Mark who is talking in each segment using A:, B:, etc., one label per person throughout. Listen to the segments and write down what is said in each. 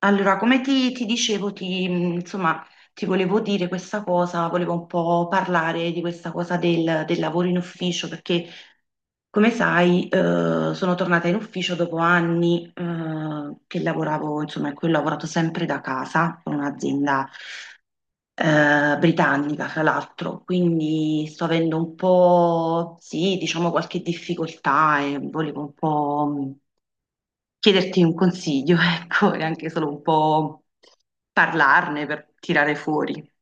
A: Allora, come ti dicevo, ti volevo dire questa cosa, volevo un po' parlare di questa cosa del lavoro in ufficio, perché come sai, sono tornata in ufficio dopo anni, che lavoravo, insomma, in cui ho lavorato sempre da casa, con un'azienda, britannica, fra l'altro, quindi sto avendo un po', sì, diciamo qualche difficoltà e volevo un po' chiederti un consiglio, ecco, e anche solo un po' parlarne per tirare fuori.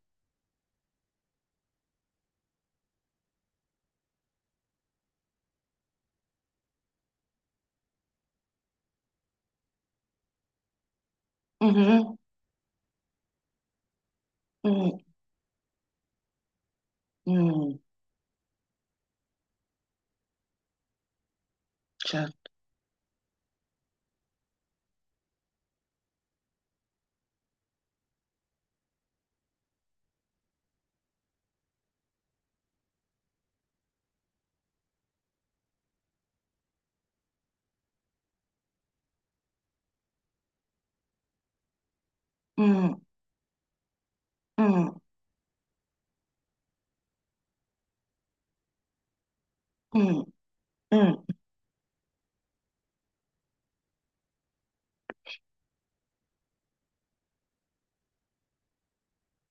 A: Mhm, mm, mm, certo. Mm, mm, mm, mm.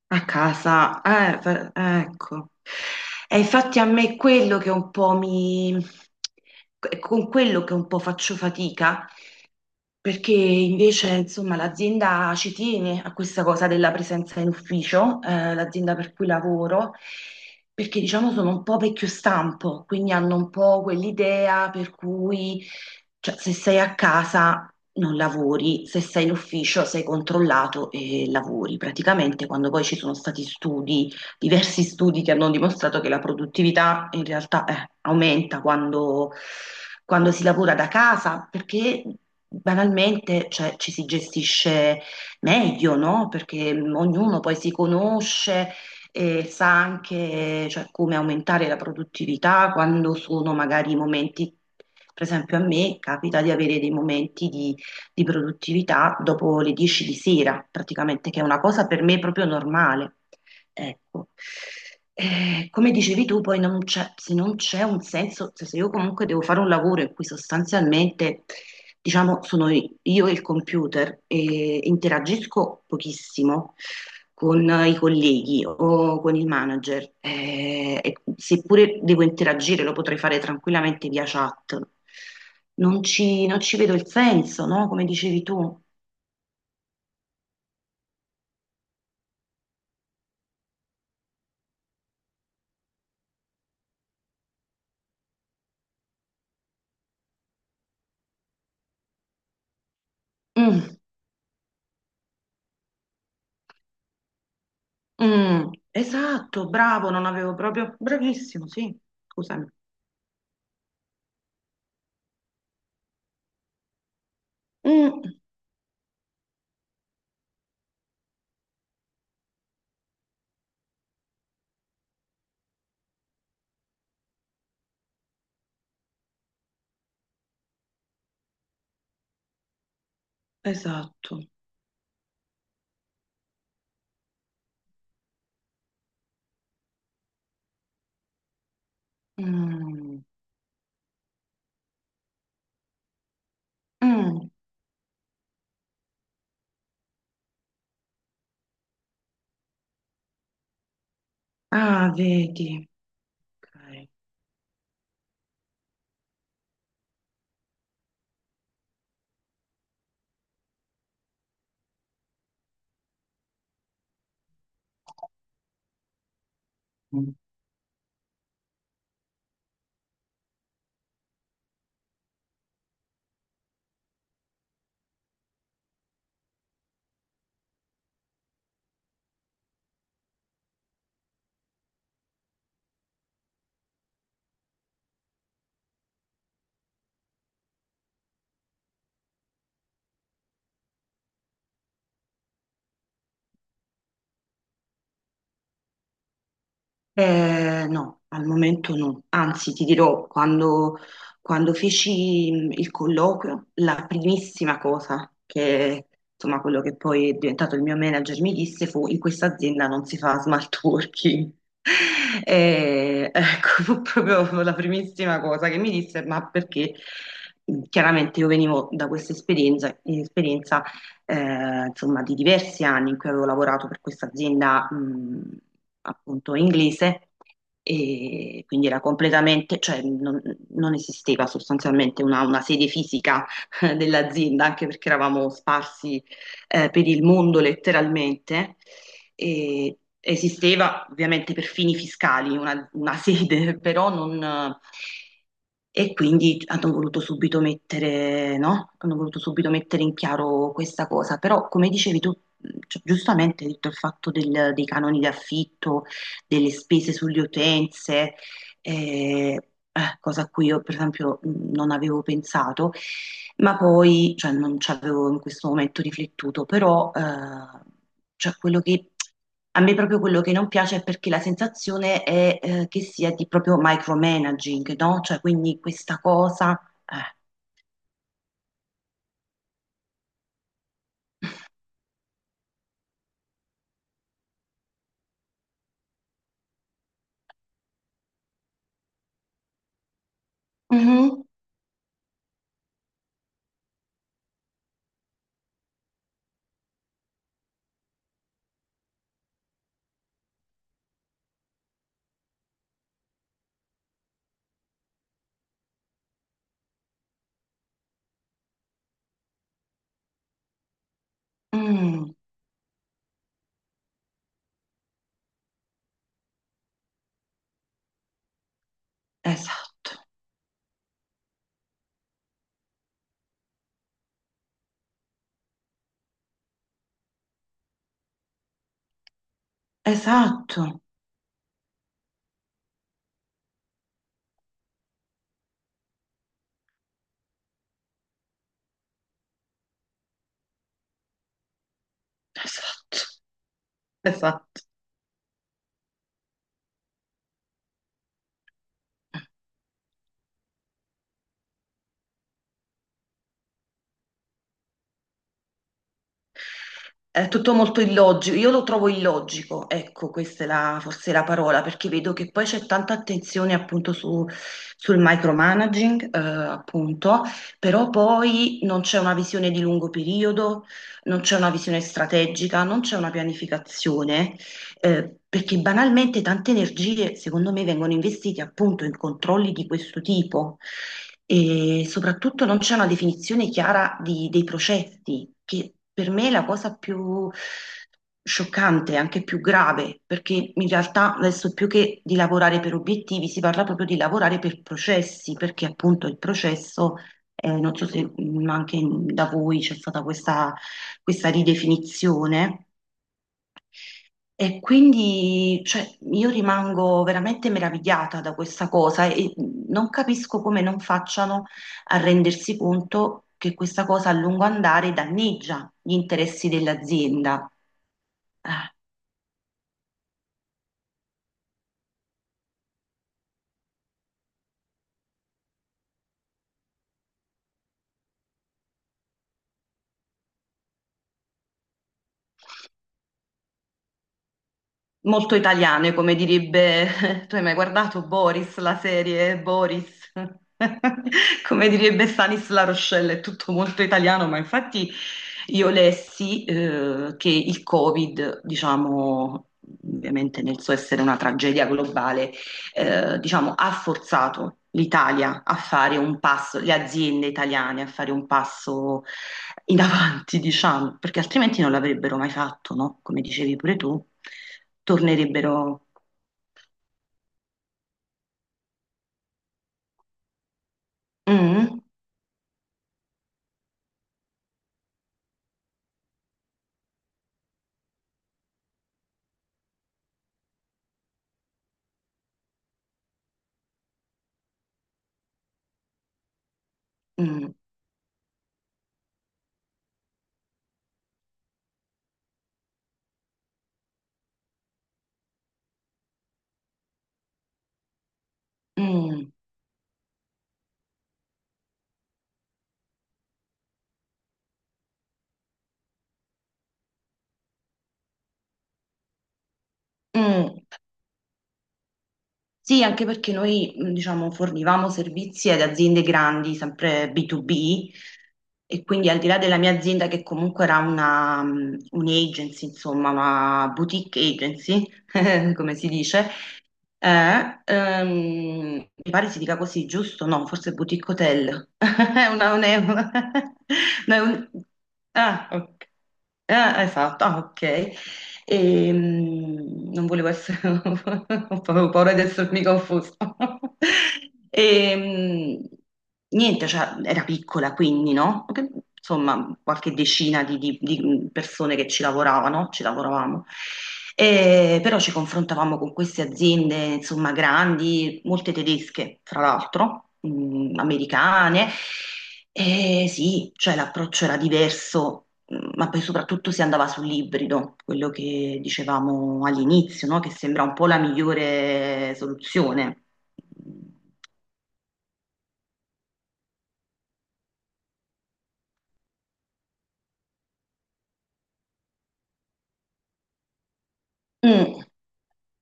A: A casa, per- ecco. E infatti a me è quello che un po' mi... con quello che un po' faccio fatica. Perché invece, insomma, l'azienda ci tiene a questa cosa della presenza in ufficio, l'azienda per cui lavoro, perché diciamo sono un po' vecchio stampo, quindi hanno un po' quell'idea per cui, cioè, se sei a casa non lavori, se sei in ufficio sei controllato e lavori. Praticamente quando poi ci sono stati studi diversi studi che hanno dimostrato che la produttività in realtà aumenta quando si lavora da casa, perché banalmente cioè, ci si gestisce meglio, no? Perché ognuno poi si conosce e sa anche cioè, come aumentare la produttività quando sono magari per esempio a me capita di avere dei momenti di produttività dopo le 10 di sera, praticamente, che è una cosa per me proprio normale. Ecco. Come dicevi tu, poi non c'è- se non c'è un senso, cioè se io comunque devo fare un lavoro in cui sostanzialmente, diciamo, sono io e il computer e interagisco pochissimo con i colleghi o con il manager, e seppure devo interagire, lo potrei fare tranquillamente via chat, non ci vedo il senso, no? Come dicevi tu. Mm. Mm, esatto, bravo, non avevo proprio... Bravissimo, sì, scusami. Mm, esatto. Mm, mm. Ah, vedi. Ok. No, al momento no. Anzi, ti dirò, quando feci il colloquio, la primissima cosa che, insomma, quello che poi è diventato il mio manager mi disse fu: in questa azienda non si fa smart working. E, ecco, fu proprio la primissima cosa che mi disse, ma perché chiaramente io venivo da questa esperienza insomma, di diversi anni in cui avevo lavorato per questa azienda, appunto inglese e quindi era completamente, cioè non esisteva sostanzialmente una sede fisica dell'azienda, anche perché eravamo sparsi per il mondo letteralmente. E esisteva ovviamente per fini fiscali una sede, però non... E quindi hanno voluto subito mettere, no? Hanno voluto subito mettere in chiaro questa cosa. Però, come dicevi tu, cioè, giustamente hai detto il fatto del- dei canoni di affitto, delle spese sulle utenze, eh, cosa a cui io per esempio non avevo pensato, ma poi, cioè non ci avevo in questo momento riflettuto, però cioè quello che a me proprio quello che non piace è perché la sensazione è che sia di proprio micromanaging, no? Cioè quindi questa cosa... eh. Mhm, mm, esatto, esatto, esatto, esatto. È tutto molto illogico, io lo trovo illogico, ecco, questa è la, forse la parola, perché vedo che poi c'è tanta attenzione appunto su- sul micromanaging, appunto, però poi non c'è una visione di lungo periodo, non c'è una visione strategica, non c'è una pianificazione perché banalmente tante energie, secondo me, vengono investite appunto in controlli di questo tipo e soprattutto non c'è una definizione chiara di- dei processi, che per me è la cosa più scioccante, anche più grave, perché in realtà adesso più che di lavorare per obiettivi si parla proprio di lavorare per processi, perché appunto il processo, non so se anche in- da voi c'è stata questa ridefinizione e quindi, cioè, io rimango veramente meravigliata da questa cosa e non capisco come non facciano a rendersi conto che questa cosa a lungo andare danneggia gli interessi dell'azienda. Molto italiane, come direbbe, tu hai mai guardato Boris, la serie Boris? Come direbbe Stanis La Rochelle, è tutto molto italiano, ma infatti io lessi che il Covid, diciamo, ovviamente nel suo essere una tragedia globale, diciamo, ha forzato l'Italia a fare un passo, le aziende italiane a fare un passo in ti diciamo, perché altrimenti non l'avrebbero mai fatto, no? Come dicevi pure tu, tornerebbero. Mm, mm, mm, mm, mm. Sì, anche perché noi, diciamo, fornivamo servizi ad aziende grandi, sempre B2B, e quindi al di là della mia azienda, che comunque era un'agency, insomma, una boutique agency, come si dice, mi pare si dica così, giusto? No, forse boutique hotel. È è no, è un- ah, ok. Ah, esatto, ah, ok. E non volevo essere, avevo paura di essermi confusa. E niente, cioè, era piccola quindi, no? Che- Insomma, qualche decina di persone che ci lavoravano, ci lavoravamo. E, però ci confrontavamo con queste aziende, insomma, grandi, molte tedesche, fra l'altro, mm, americane. E sì, cioè l'approccio era diverso. Mm, ma poi soprattutto si andava sull'ibrido, quello che dicevamo all'inizio, no? Che sembra un po' la migliore soluzione. Mm,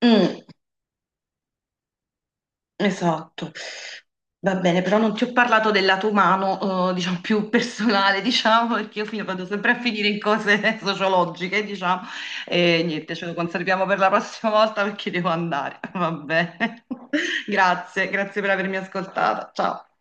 A: mm, esatto. Va bene, però non ti ho parlato del lato umano, diciamo più personale, diciamo, perché io fino- vado sempre a finire in cose sociologiche, diciamo, e niente, ce lo conserviamo per la prossima volta perché devo andare. Va bene. Grazie, grazie per avermi ascoltata. Ciao.